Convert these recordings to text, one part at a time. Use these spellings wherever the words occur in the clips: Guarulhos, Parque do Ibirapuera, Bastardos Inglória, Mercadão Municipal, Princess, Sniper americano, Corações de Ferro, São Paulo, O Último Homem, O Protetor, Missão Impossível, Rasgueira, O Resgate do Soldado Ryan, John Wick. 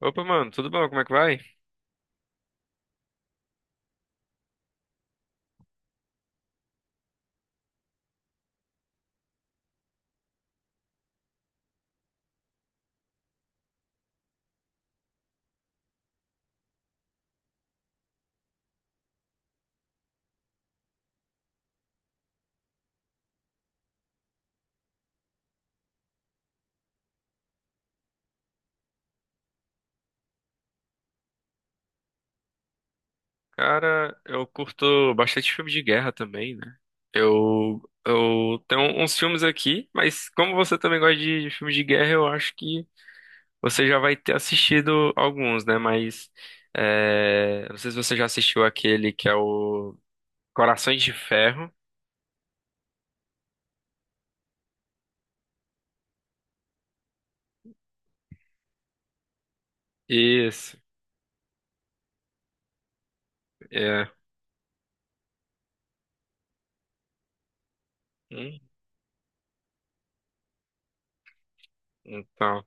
Opa, mano, tudo bom? Como é que vai? Cara, eu curto bastante filme de guerra também, né? Eu tenho uns filmes aqui, mas como você também gosta de filmes de guerra, eu acho que você já vai ter assistido alguns, né? Mas é, não sei se você já assistiu aquele que é o Corações de Ferro. Isso, é. Hum, Então,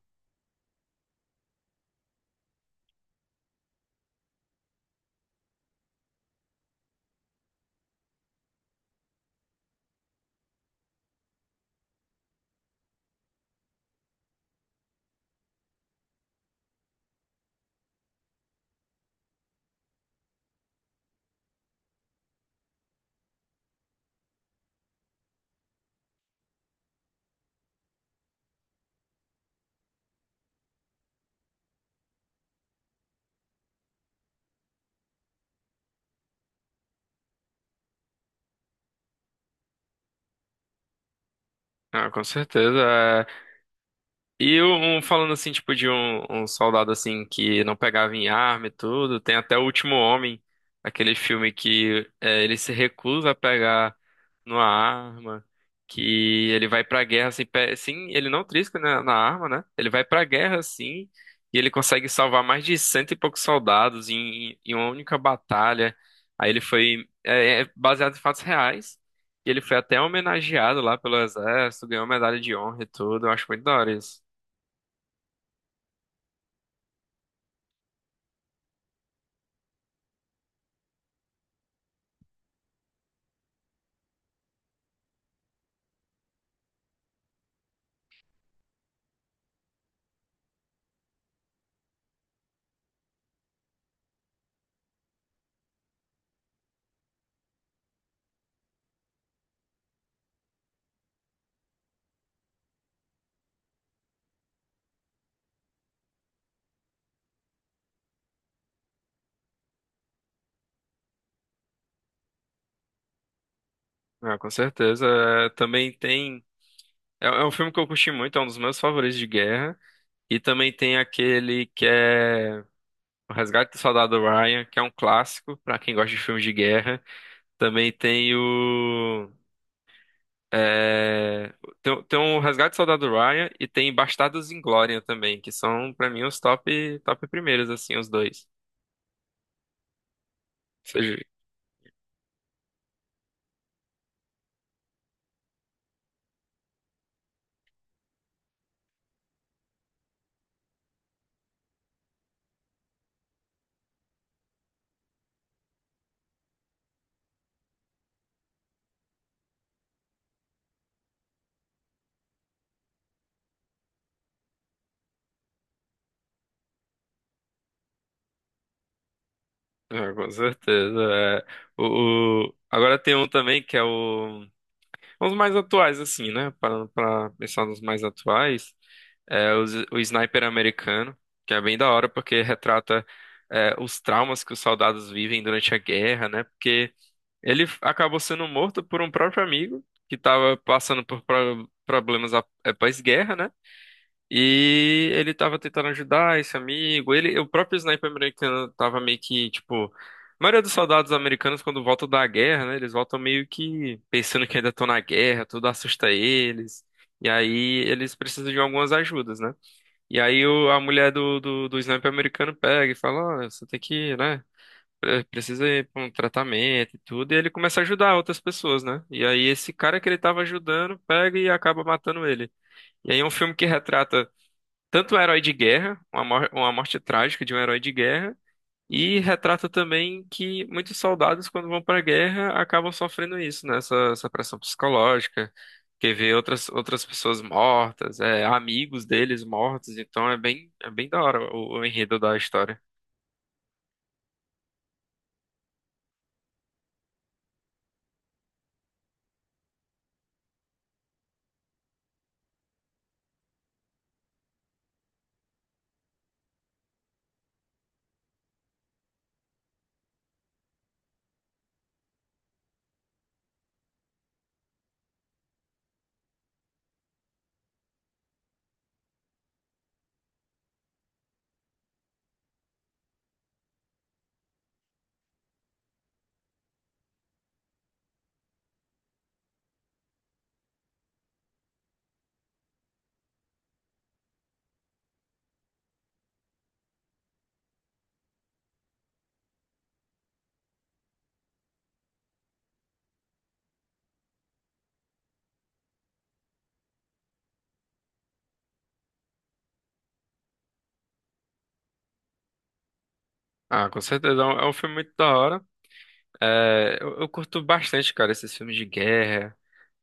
ah, com certeza. E um, falando assim, tipo, de um, um soldado assim que não pegava em arma e tudo, tem até O Último Homem, aquele filme que é, ele se recusa a pegar numa arma, que ele vai pra guerra assim, sim, ele não trisca na, na arma, né? Ele vai pra guerra assim, e ele consegue salvar mais de cento e poucos soldados em, em uma única batalha. Aí ele foi é, é baseado em fatos reais. E ele foi até homenageado lá pelo exército, ganhou medalha de honra e tudo. Eu acho muito da hora isso. Ah, com certeza. É, também tem. É, é um filme que eu curti muito, é um dos meus favoritos de guerra. E também tem aquele que é O Resgate do Soldado Ryan, que é um clássico pra quem gosta de filmes de guerra. Também tem o, é, tem, tem o Resgate do Soldado Ryan e tem Bastardos Inglória também, que são pra mim os top, top primeiros, assim, os dois. Ou seja, é, com certeza. É. Agora tem um também que é o. Os mais atuais, assim, né? Para, para pensar nos mais atuais, é o Sniper americano, que é bem da hora porque retrata é, os traumas que os soldados vivem durante a guerra, né? Porque ele acabou sendo morto por um próprio amigo que estava passando por problemas após guerra, né? E ele tava tentando ajudar esse amigo. Ele, o próprio sniper americano tava meio que, tipo, a maioria dos soldados americanos, quando voltam da guerra, né? Eles voltam meio que pensando que ainda estão na guerra, tudo assusta eles. E aí eles precisam de algumas ajudas, né? E aí a mulher do sniper americano pega e fala: Ó, você tem que, né? Precisa ir pra um tratamento e tudo. E ele começa a ajudar outras pessoas, né? E aí esse cara que ele tava ajudando pega e acaba matando ele. E aí é um filme que retrata tanto o herói de guerra, uma, uma morte trágica de um herói de guerra, e retrata também que muitos soldados, quando vão para a guerra, acabam sofrendo isso, né? Essa pressão psicológica, que vê outras, outras pessoas mortas, é, amigos deles mortos, então é bem da hora o enredo da história. Ah, com certeza, é um filme muito da hora. É, eu curto bastante, cara, esses filmes de guerra.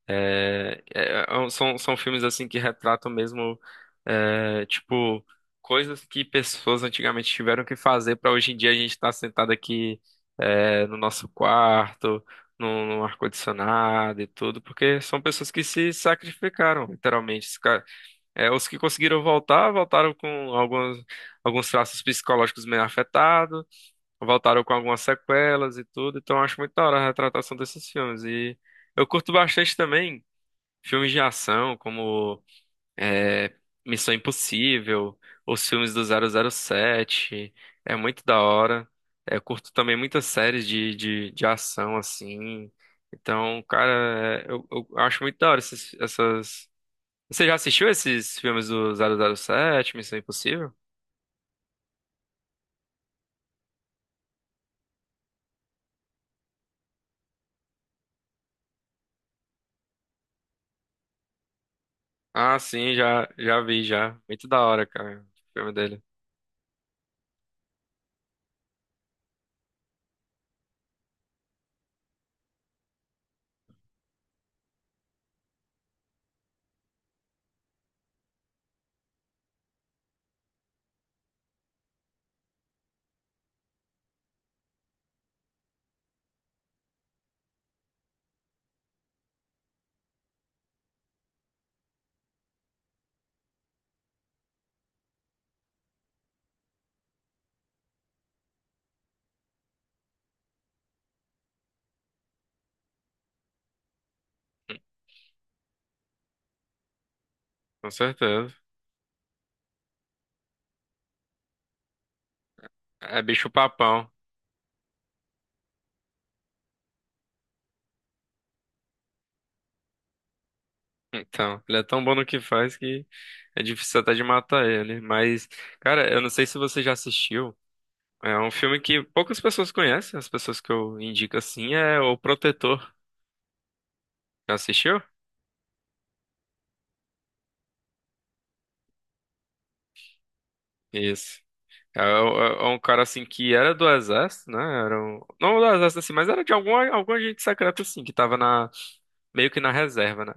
É, é, é um- são, são filmes assim que retratam mesmo é, tipo coisas que pessoas antigamente tiveram que fazer para hoje em dia a gente estar sentado aqui é, no nosso quarto, no, no ar-condicionado e tudo, porque são pessoas que se sacrificaram, literalmente. Os, é, os que conseguiram voltar, voltaram com alguns, alguns traços psicológicos meio afetados, voltaram com algumas sequelas e tudo, então eu acho muito da hora a retratação desses filmes. E eu curto bastante também. Filmes de ação como é, Missão Impossível, os filmes do 007, é muito da hora. É, eu curto também muitas séries de ação, assim. Então, cara, é, eu acho muito da hora esses, essas... Você já assistiu esses filmes do 007, Missão Impossível? Ah, sim, já, já vi, já. Muito da hora, cara, o filme dele. Com certeza. É bicho papão. Então, ele é tão bom no que faz que é difícil até de matar ele. Mas, cara, eu não sei se você já assistiu. É um filme que poucas pessoas conhecem. As pessoas que eu indico assim é O Protetor. Já assistiu? Isso. É, é um cara assim que era do exército, né? Era um... Não do exército assim, mas era de algum, algum agente secreto assim, que tava na... meio que na reserva, né?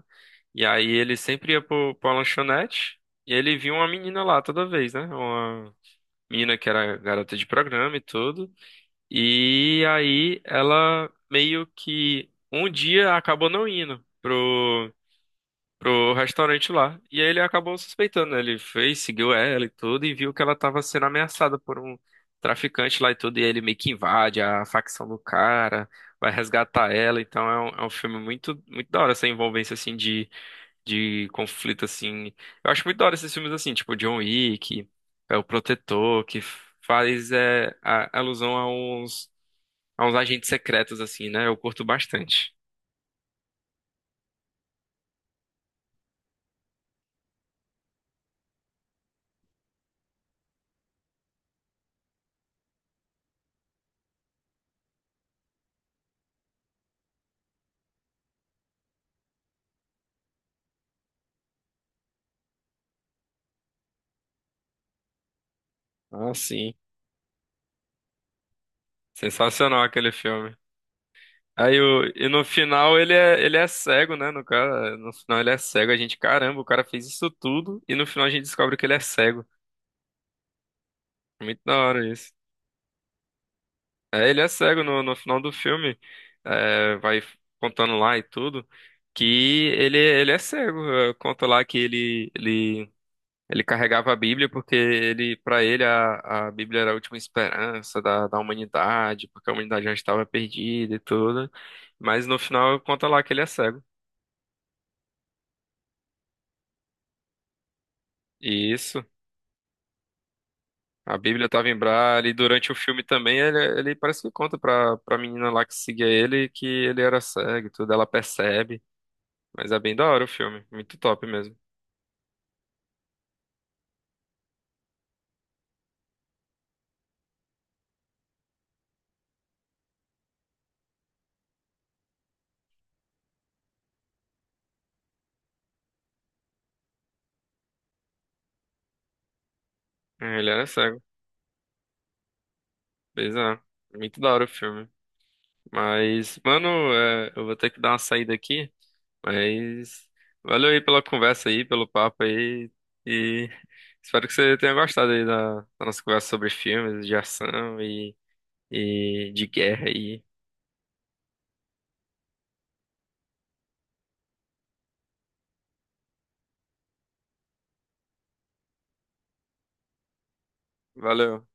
E aí ele sempre ia pra lanchonete e ele via uma menina lá toda vez, né? Uma menina que era garota de programa e tudo. E aí ela meio que um dia acabou não indo pro restaurante lá. E aí ele acabou suspeitando, né? Ele foi, seguiu ela e tudo, e viu que ela tava sendo ameaçada por um traficante lá e tudo. E aí ele meio que invade a facção do cara, vai resgatar ela. Então é um filme muito, muito da hora essa envolvência assim de conflito assim. Eu acho muito da hora esses filmes assim, tipo John Wick, é o Protetor, que faz é, alusão a uns agentes secretos, assim, né? Eu curto bastante. Ah, sim. Sensacional aquele filme. Aí o, e no final ele é cego, né? No cara, no final ele é cego. A gente, caramba, o cara fez isso tudo e no final a gente descobre que ele é cego. Muito da hora isso. É, ele é cego no, no final do filme. É, vai contando lá e tudo. Que ele é cego. É, conta lá que ele, ele ele carregava a Bíblia porque ele, para ele, a Bíblia era a última esperança da, da humanidade, porque a humanidade já estava perdida e tudo. Mas no final conta lá que ele é cego. E isso, a Bíblia estava em Braille, e durante o filme também ele parece que conta pra, pra menina lá que seguia ele que ele era cego e tudo, ela percebe. Mas é bem da hora o filme, muito top mesmo. É, ele era cego, bizarro. Muito da hora o filme. Mas, mano, é, eu vou ter que dar uma saída aqui. Mas valeu aí pela conversa aí, pelo papo aí. E espero que você tenha gostado aí da, da nossa conversa sobre filmes de ação e de guerra aí. Valeu.